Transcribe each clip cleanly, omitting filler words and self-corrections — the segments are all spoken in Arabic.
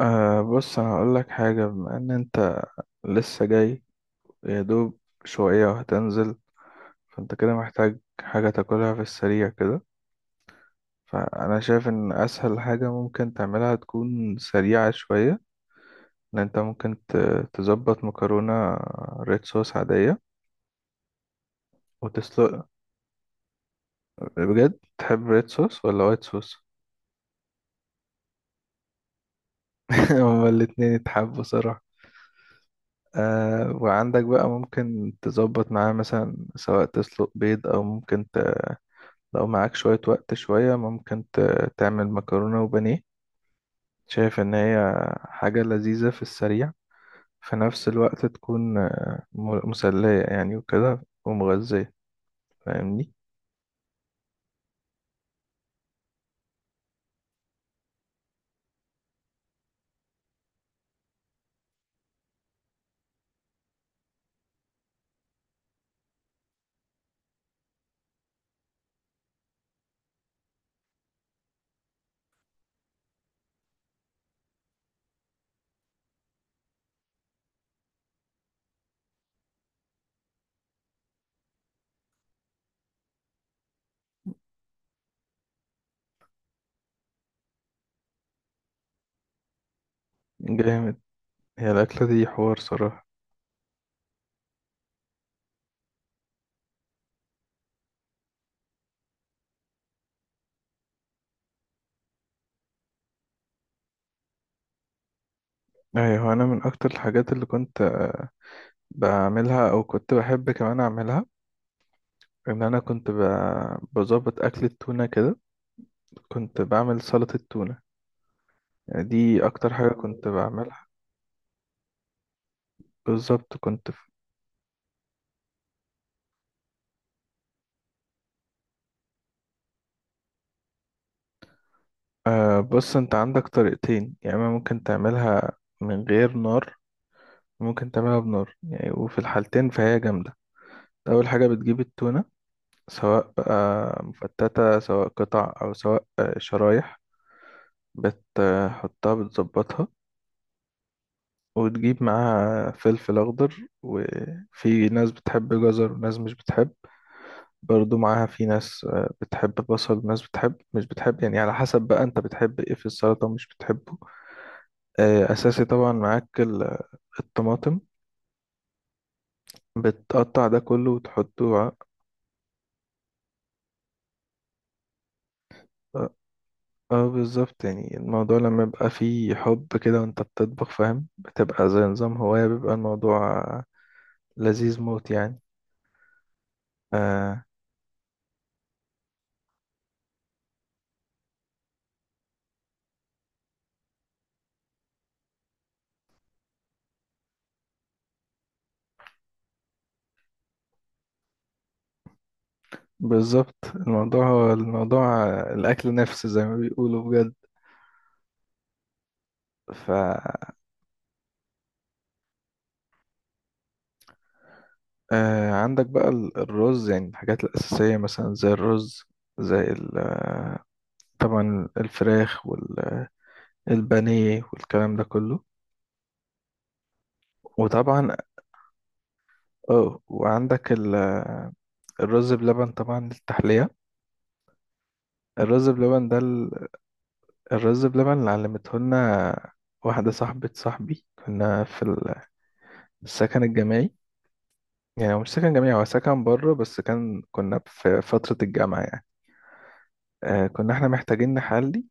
أه، بص هقول لك حاجة. بما إن أنت لسه جاي يا دوب شوية وهتنزل، فأنت كده محتاج حاجة تاكلها في السريع كده. فأنا شايف إن أسهل حاجة ممكن تعملها تكون سريعة شوية، إن أنت ممكن تظبط مكرونة ريد صوص عادية وتسلق. بجد تحب ريد صوص ولا وايت صوص؟ هما الاتنين يتحبوا صراحة. أه، وعندك بقى ممكن تظبط معاه مثلا سواء تسلق بيض أو ممكن لو معاك شوية وقت، شوية ممكن تعمل مكرونة وبانيه. شايف إن هي حاجة لذيذة في السريع، في نفس الوقت تكون مسلية يعني وكده ومغذية. فاهمني؟ جامد. هي الأكلة دي حوار صراحة. أيوة، أنا من أكتر الحاجات اللي كنت بعملها أو كنت بحب كمان أعملها إن أنا كنت بظبط أكل التونة كده. كنت بعمل سلطة التونة، يعني دي أكتر حاجة كنت بعملها بالظبط. كنت آه، بص، انت عندك طريقتين، يا اما ممكن تعملها من غير نار، ممكن تعملها بنار يعني، وفي الحالتين فهي جامدة. اول حاجة بتجيب التونة، سواء آه مفتتة سواء قطع او سواء آه شرايح، بتحطها بتظبطها، وتجيب معاها فلفل اخضر. وفي ناس بتحب جزر وناس مش بتحب، برضو معاها في ناس آه، بتحب بصل وناس بتحب مش بتحب، يعني على حسب بقى انت بتحب ايه في السلطة ومش بتحبه. آه، اساسي طبعا معاك الطماطم. بتقطع ده كله وتحطه اه آه، بالظبط. يعني الموضوع لما يبقى فيه حب كده وانت بتطبخ، فاهم، بتبقى زي نظام هواية، بيبقى الموضوع لذيذ موت يعني. آه بالظبط، الموضوع هو الموضوع الأكل نفسه زي ما بيقولوا بجد. ف آه، عندك بقى الرز، يعني الحاجات الأساسية مثلا زي الرز، زي طبعا الفراخ والبانيه والكلام ده كله. وطبعا اه وعندك الرز بلبن طبعا للتحلية. الرز بلبن ده الرز بلبن اللي علمته لنا واحدة صاحبة صاحبي. كنا في السكن الجامعي، يعني هو مش سكن جامعي، هو سكن بره بس كان كنا في فترة الجامعة يعني. آه، كنا احنا محتاجين نحلي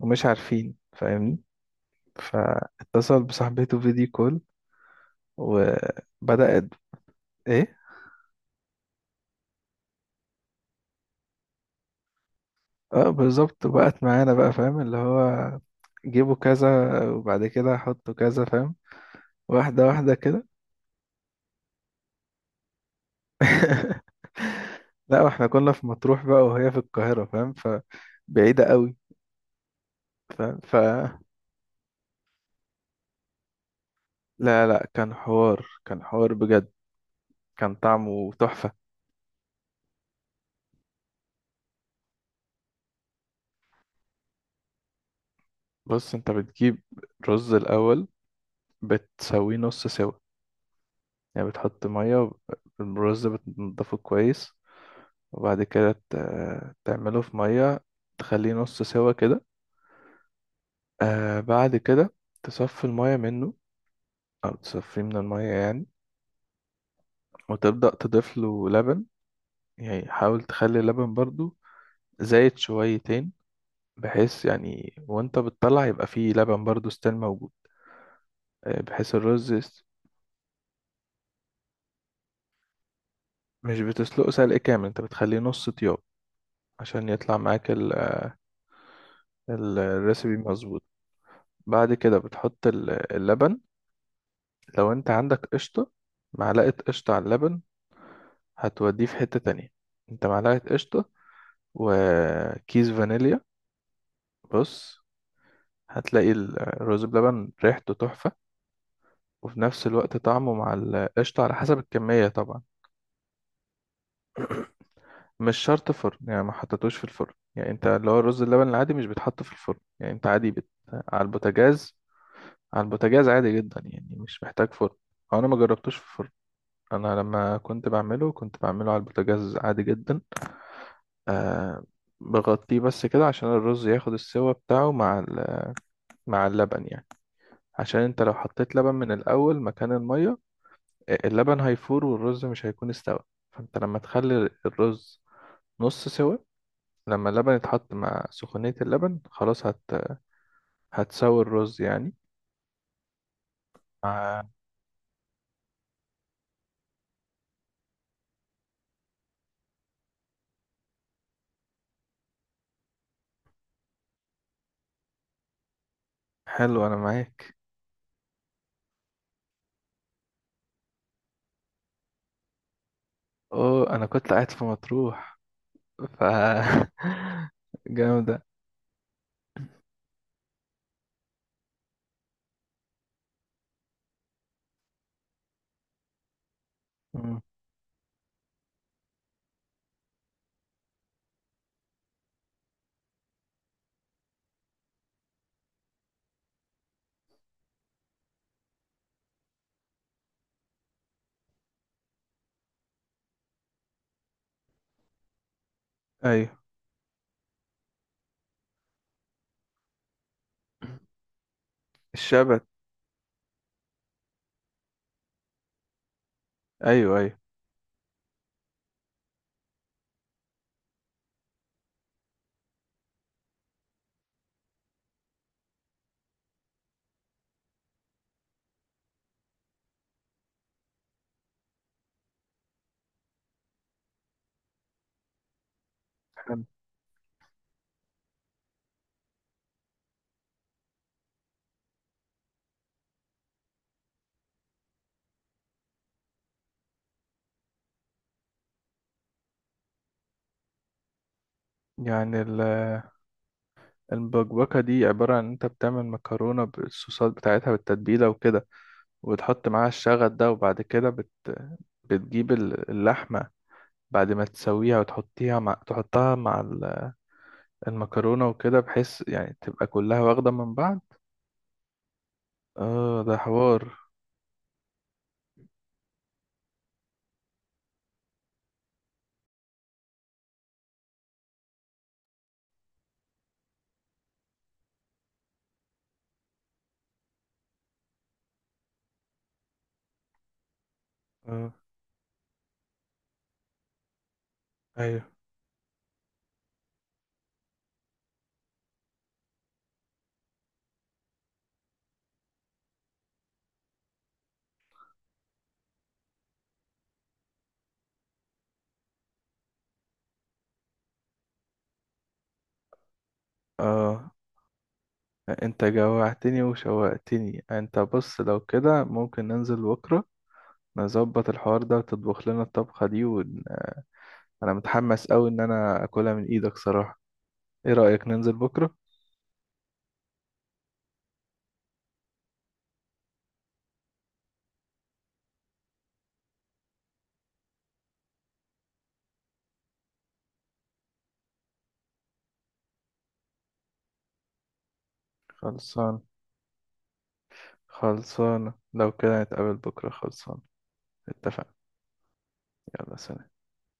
ومش عارفين، فاهمني، فاتصل بصاحبته فيديو كول وبدأت. ايه؟ اه بالظبط، وبقت معانا بقى، فاهم، اللي هو جيبوا كذا، وبعد كده حطوا كذا، فاهم، واحدة واحدة كده. لا، واحنا كنا في مطروح بقى وهي في القاهرة، فاهم، فبعيدة قوي. فاهم لا لا، كان حوار، كان حوار بجد. كان طعمه تحفة. بص انت بتجيب رز الأول، بتسويه نص سوا. يعني بتحط مية، الرز بتنضفه كويس، وبعد كده تعمله في مية، تخليه نص سوا كده. آه، بعد كده تصفي المية منه، أو تصفيه من المية يعني، وتبدأ تضيف له لبن. يعني حاول تخلي اللبن برضو زايد شويتين، بحيث يعني وانت بتطلع يبقى فيه لبن برضو ستيل موجود. آه، بحيث الرز مش بتسلقه سلق كامل، انت بتخليه نص طياب عشان يطلع معاك ال... الرecipe مظبوط. بعد كده بتحط اللبن. لو انت عندك قشطة، معلقة قشطة على اللبن هتوديه في حتة تانية. انت معلقة قشطة وكيس فانيليا، بص هتلاقي الرز بلبن ريحته تحفة، وفي نفس الوقت طعمه مع القشطة على حسب الكمية طبعا. مش شرط فرن يعني، ما حطيتوش في الفرن يعني، انت اللي هو الرز اللبن العادي مش بيتحط في الفرن يعني، انت عادي بت... على البوتاجاز. على البوتاجاز عادي جدا يعني، مش محتاج فرن. او انا ما جربتوش في الفرن، انا لما كنت بعمله كنت بعمله على البوتاجاز عادي جدا. آه بغطيه بس كده عشان الرز ياخد السوا بتاعه مع ال... مع اللبن يعني. عشان انت لو حطيت لبن من الاول مكان المية، آه، اللبن هيفور والرز مش هيكون استوى. فانت لما تخلي الرز نص سوا، لما اللبن يتحط مع سخونية اللبن خلاص هت... هتساوي الرز يعني. آه، حلو أنا معاك. أوه، أنا كنت قاعد في مطروح ف جامدة. مم. أيوه الشبت. أيوه أيوه. حلو. يعني البكبكة دي عبارة عن إن أنت بتعمل مكرونة بالصوصات بتاعتها بالتتبيلة وكده، وتحط معاها الشغل ده، وبعد كده بت... بتجيب اللحمة بعد ما تسويها، وتحطيها مع تحطها مع ال... المكرونة وكده، بحيث يعني تبقى كلها واخدة من بعض. اه، ده حوار. اه، ايوه، اه، انت جوعتني وشوقتني. انت بص، لو كده ممكن ننزل بكرة نظبط الحوار ده وتطبخ لنا الطبخة دي ون... انا متحمس اوي ان انا اكلها من ايدك صراحة. ايه رأيك ننزل بكرة؟ خلصان، خلصان لو كده نتقابل بكرة. خلصان، اتفقنا. يلا سلام.